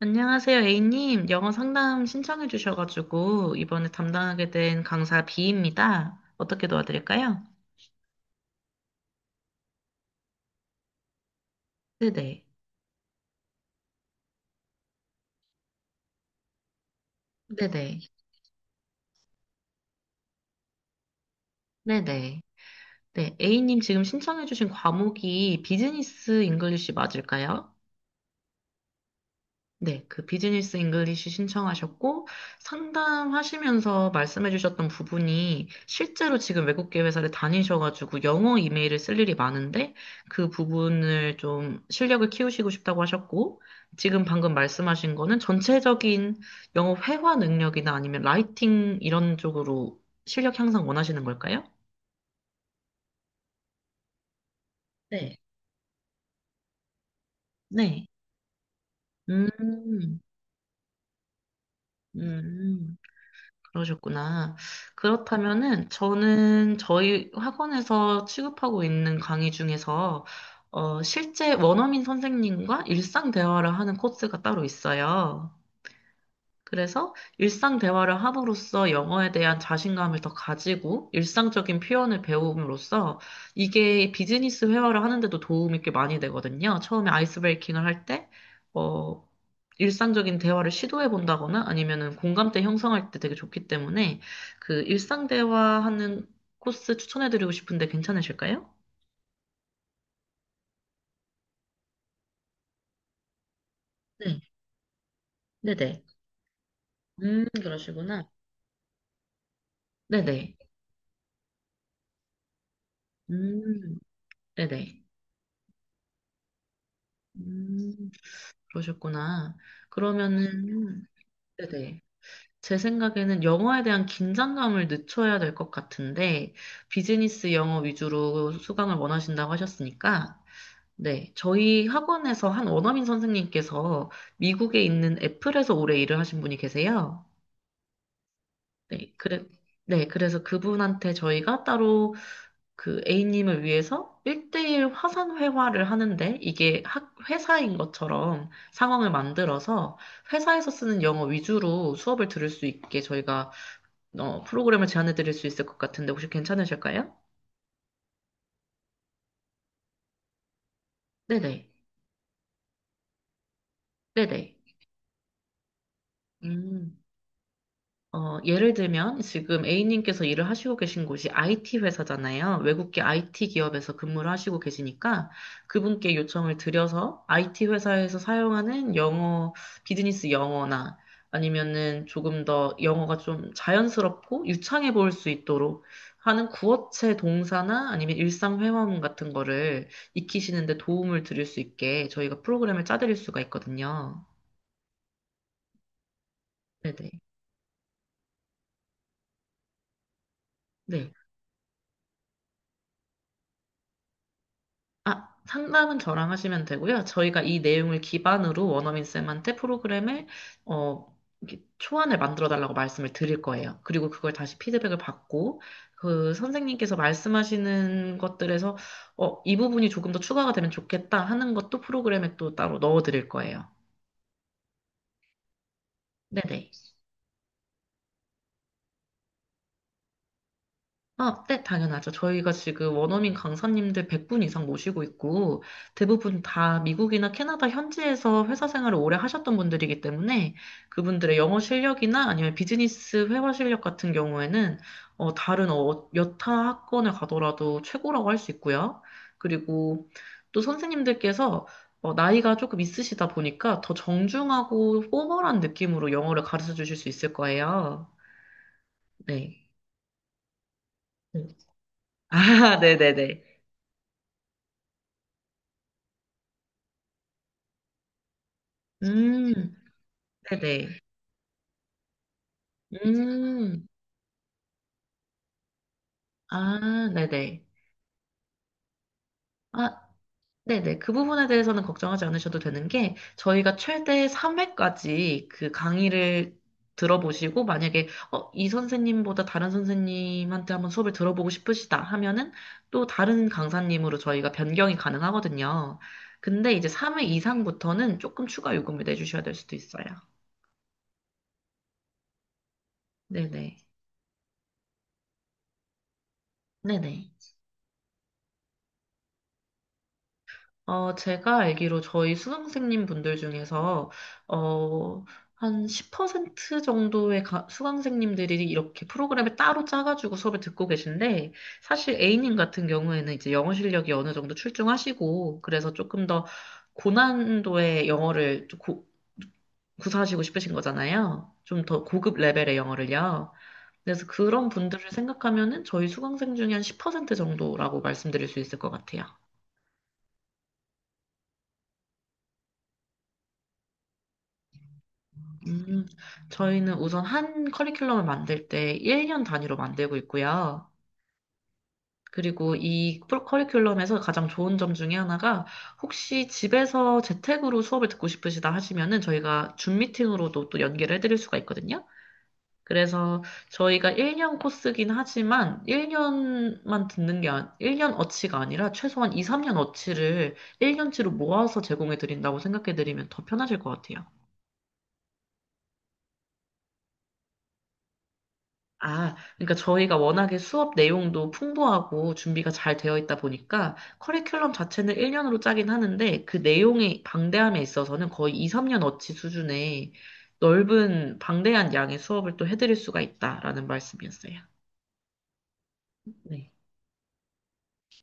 안녕하세요, A님. 영어 상담 신청해 주셔가지고 이번에 담당하게 된 강사 B입니다. 어떻게 도와드릴까요? 네네. 네네. 네네. 네, A님 지금 신청해 주신 과목이 비즈니스 잉글리시 맞을까요? 네, 그 비즈니스 잉글리시 신청하셨고 상담하시면서 말씀해 주셨던 부분이 실제로 지금 외국계 회사를 다니셔가지고 영어 이메일을 쓸 일이 많은데 그 부분을 좀 실력을 키우시고 싶다고 하셨고, 지금 방금 말씀하신 거는 전체적인 영어 회화 능력이나 아니면 라이팅 이런 쪽으로 실력 향상 원하시는 걸까요? 네. 네. 음, 음. 그러셨구나. 그렇다면은 저는 저희 학원에서 취급하고 있는 강의 중에서 실제 원어민 선생님과 일상 대화를 하는 코스가 따로 있어요. 그래서 일상 대화를 함으로써 영어에 대한 자신감을 더 가지고 일상적인 표현을 배움으로써 이게 비즈니스 회화를 하는데도 도움이 꽤 많이 되거든요. 처음에 아이스 브레이킹을 할 때 어, 일상적인 대화를 시도해 본다거나 아니면은 공감대 형성할 때 되게 좋기 때문에 그 일상 대화하는 코스 추천해 드리고 싶은데 괜찮으실까요? 네, 네네. 그러시구나. 네네. 음, 네네. 음. 그러셨구나. 그러면은, 네네. 제 생각에는 영어에 대한 긴장감을 늦춰야 될 것 같은데, 비즈니스 영어 위주로 수강을 원하신다고 하셨으니까, 네, 저희 학원에서 한 원어민 선생님께서 미국에 있는 애플에서 오래 일을 하신 분이 계세요. 네, 네, 그래서 그분한테 저희가 따로 그 A님을 위해서 1대1 화상 회화를 하는데 이게 회사인 것처럼 상황을 만들어서 회사에서 쓰는 영어 위주로 수업을 들을 수 있게 저희가 프로그램을 제안해 드릴 수 있을 것 같은데 혹시 괜찮으실까요? 네네. 네네. 음. 예를 들면 지금 A님께서 일을 하시고 계신 곳이 IT 회사잖아요. 외국계 IT 기업에서 근무를 하시고 계시니까 그분께 요청을 드려서 IT 회사에서 사용하는 영어, 비즈니스 영어나 아니면은 조금 더 영어가 좀 자연스럽고 유창해 보일 수 있도록 하는 구어체 동사나 아니면 일상 회화문 같은 거를 익히시는데 도움을 드릴 수 있게 저희가 프로그램을 짜드릴 수가 있거든요. 네네. 네. 아, 상담은 저랑 하시면 되고요. 저희가 이 내용을 기반으로 원어민 쌤한테 프로그램을 어, 이렇게 초안을 만들어 달라고 말씀을 드릴 거예요. 그리고 그걸 다시 피드백을 받고 그 선생님께서 말씀하시는 것들에서 이 부분이 조금 더 추가가 되면 좋겠다 하는 것도 프로그램에 또 따로 넣어 드릴 거예요. 네네. 아, 네, 당연하죠. 저희가 지금 원어민 강사님들 100분 이상 모시고 있고, 대부분 다 미국이나 캐나다 현지에서 회사 생활을 오래 하셨던 분들이기 때문에, 그분들의 영어 실력이나 아니면 비즈니스 회화 실력 같은 경우에는 여타 학원을 가더라도 최고라고 할 수 있고요. 그리고 또 선생님들께서 나이가 조금 있으시다 보니까 더 정중하고 포멀한 느낌으로 영어를 가르쳐 주실 수 있을 거예요. 네. 네. 아, 네네네. 음, 네네. 음, 아, 네네. 아, 네네. 그 부분에 대해서는 걱정하지 않으셔도 되는 게, 저희가 최대 3회까지 그 강의를 들어보시고, 만약에, 이 선생님보다 다른 선생님한테 한번 수업을 들어보고 싶으시다 하면은, 또 다른 강사님으로 저희가 변경이 가능하거든요. 근데 이제 3회 이상부터는 조금 추가 요금을 내주셔야 될 수도 있어요. 네네. 네네. 제가 알기로 저희 수강생님 분들 중에서, 어, 한 10% 정도의 수강생님들이 이렇게 프로그램을 따로 짜가지고 수업을 듣고 계신데, 사실 A님 같은 경우에는 이제 영어 실력이 어느 정도 출중하시고, 그래서 조금 더 고난도의 영어를 좀 구사하시고 싶으신 거잖아요. 좀 더 고급 레벨의 영어를요. 그래서 그런 분들을 생각하면은 저희 수강생 중에 한 10% 정도라고 말씀드릴 수 있을 것 같아요. 음, 저희는 우선 한 커리큘럼을 만들 때 1년 단위로 만들고 있고요. 그리고 이 커리큘럼에서 가장 좋은 점 중에 하나가 혹시 집에서 재택으로 수업을 듣고 싶으시다 하시면은 저희가 줌 미팅으로도 또 연계를 해드릴 수가 있거든요. 그래서 저희가 1년 코스긴 하지만 1년만 듣는 게, 아, 1년 어치가 아니라 최소한 2, 3년 어치를 1년치로 모아서 제공해 드린다고 생각해 드리면 더 편하실 것 같아요. 아, 그러니까 저희가 워낙에 수업 내용도 풍부하고 준비가 잘 되어 있다 보니까 커리큘럼 자체는 1년으로 짜긴 하는데 그 내용의 방대함에 있어서는 거의 2, 3년어치 수준의 넓은 방대한 양의 수업을 또 해드릴 수가 있다라는 말씀이었어요. 네.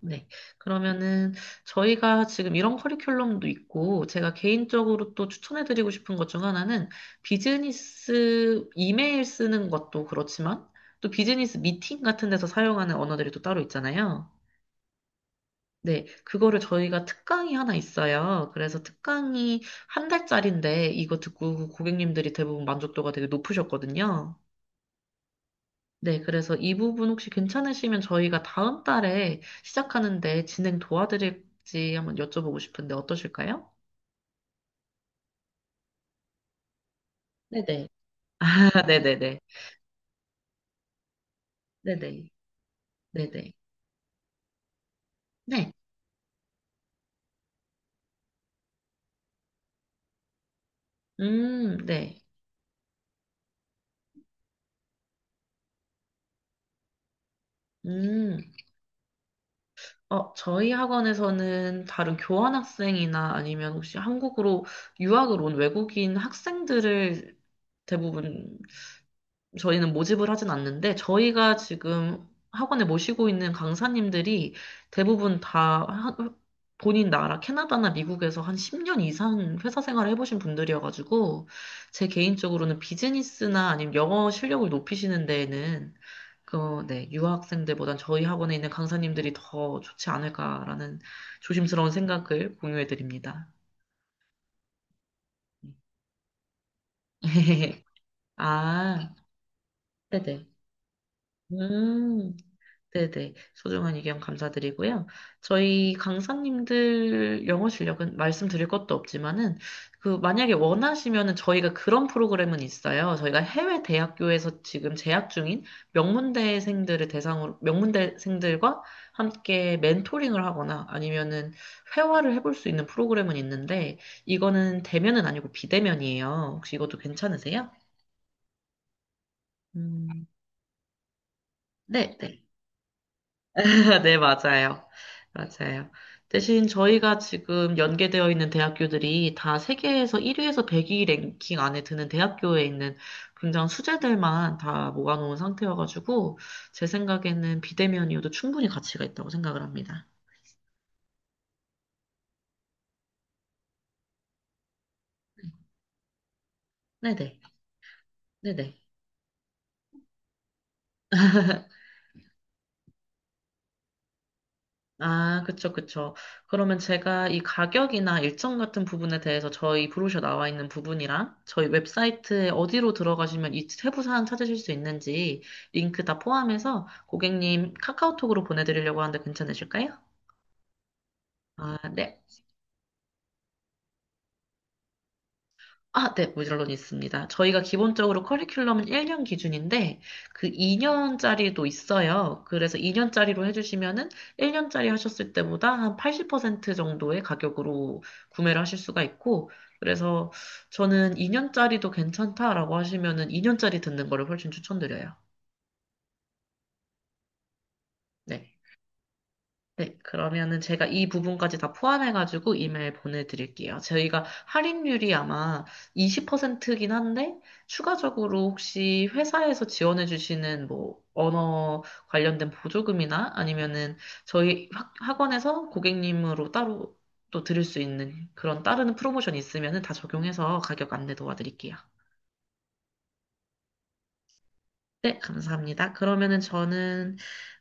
네. 그러면은 저희가 지금 이런 커리큘럼도 있고 제가 개인적으로 또 추천해드리고 싶은 것 중 하나는 비즈니스 이메일 쓰는 것도 그렇지만 또 비즈니스 미팅 같은 데서 사용하는 언어들이 또 따로 있잖아요. 네. 그거를 저희가 특강이 하나 있어요. 그래서 특강이 한 달짜린데 이거 듣고 그 고객님들이 대부분 만족도가 되게 높으셨거든요. 네, 그래서 이 부분 혹시 괜찮으시면 저희가 다음 달에 시작하는데 진행 도와드릴지 한번 여쭤보고 싶은데 어떠실까요? 네네. 아, 네네네. 네네. 네네. 네. 네. 음, 저희 학원에서는 다른 교환학생이나 아니면 혹시 한국으로 유학을 온 외국인 학생들을 대부분 저희는 모집을 하진 않는데, 저희가 지금 학원에 모시고 있는 강사님들이 대부분 다 본인 나라 캐나다나 미국에서 한 10년 이상 회사 생활을 해보신 분들이어가지고 제 개인적으로는 비즈니스나 아니면 영어 실력을 높이시는 데에는 네, 유학생들보단 저희 학원에 있는 강사님들이 더 좋지 않을까라는 조심스러운 생각을 공유해 드립니다. 아, 네네. 음. 네네. 소중한 의견 감사드리고요. 저희 강사님들 영어 실력은 말씀드릴 것도 없지만은, 만약에 원하시면은 저희가 그런 프로그램은 있어요. 저희가 해외 대학교에서 지금 재학 중인 명문대생들을 대상으로, 명문대생들과 함께 멘토링을 하거나 아니면은 회화를 해볼 수 있는 프로그램은 있는데, 이거는 대면은 아니고 비대면이에요. 혹시 이것도 괜찮으세요? 음, 네, 네. 네, 맞아요. 맞아요. 대신 저희가 지금 연계되어 있는 대학교들이 다 세계에서 1위에서 100위 랭킹 안에 드는 대학교에 있는 굉장한 수재들만 다 모아놓은 상태여가지고, 제 생각에는 비대면이어도 충분히 가치가 있다고 생각을 합니다. 네네. 네네. 아, 그쵸, 그쵸. 그러면 제가 이 가격이나 일정 같은 부분에 대해서 저희 브로셔 나와 있는 부분이랑 저희 웹사이트에 어디로 들어가시면 이 세부 사항 찾으실 수 있는지 링크 다 포함해서 고객님 카카오톡으로 보내드리려고 하는데 괜찮으실까요? 아, 네. 아, 네, 물론 있습니다. 저희가 기본적으로 커리큘럼은 1년 기준인데, 그 2년짜리도 있어요. 그래서 2년짜리로 해주시면은 1년짜리 하셨을 때보다 한 80% 정도의 가격으로 구매를 하실 수가 있고, 그래서 저는 2년짜리도 괜찮다라고 하시면은 2년짜리 듣는 거를 훨씬 추천드려요. 네. 네, 그러면은 제가 이 부분까지 다 포함해가지고 이메일 보내드릴게요. 저희가 할인율이 아마 20%긴 한데, 추가적으로 혹시 회사에서 지원해주시는 뭐, 언어 관련된 보조금이나 아니면은 저희 학원에서 고객님으로 따로 또 드릴 수 있는 그런 따르는 프로모션이 있으면은 다 적용해서 가격 안내 도와드릴게요. 네, 감사합니다. 그러면은 저는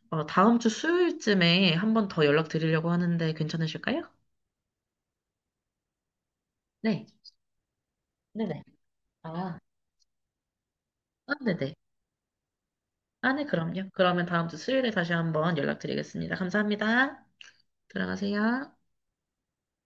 다음 주 수요일쯤에 한번 더 연락드리려고 하는데 괜찮으실까요? 네. 네네. 아, 아, 네네. 아, 네, 그럼요. 그러면 다음 주 수요일에 다시 한번 연락드리겠습니다. 감사합니다. 들어가세요.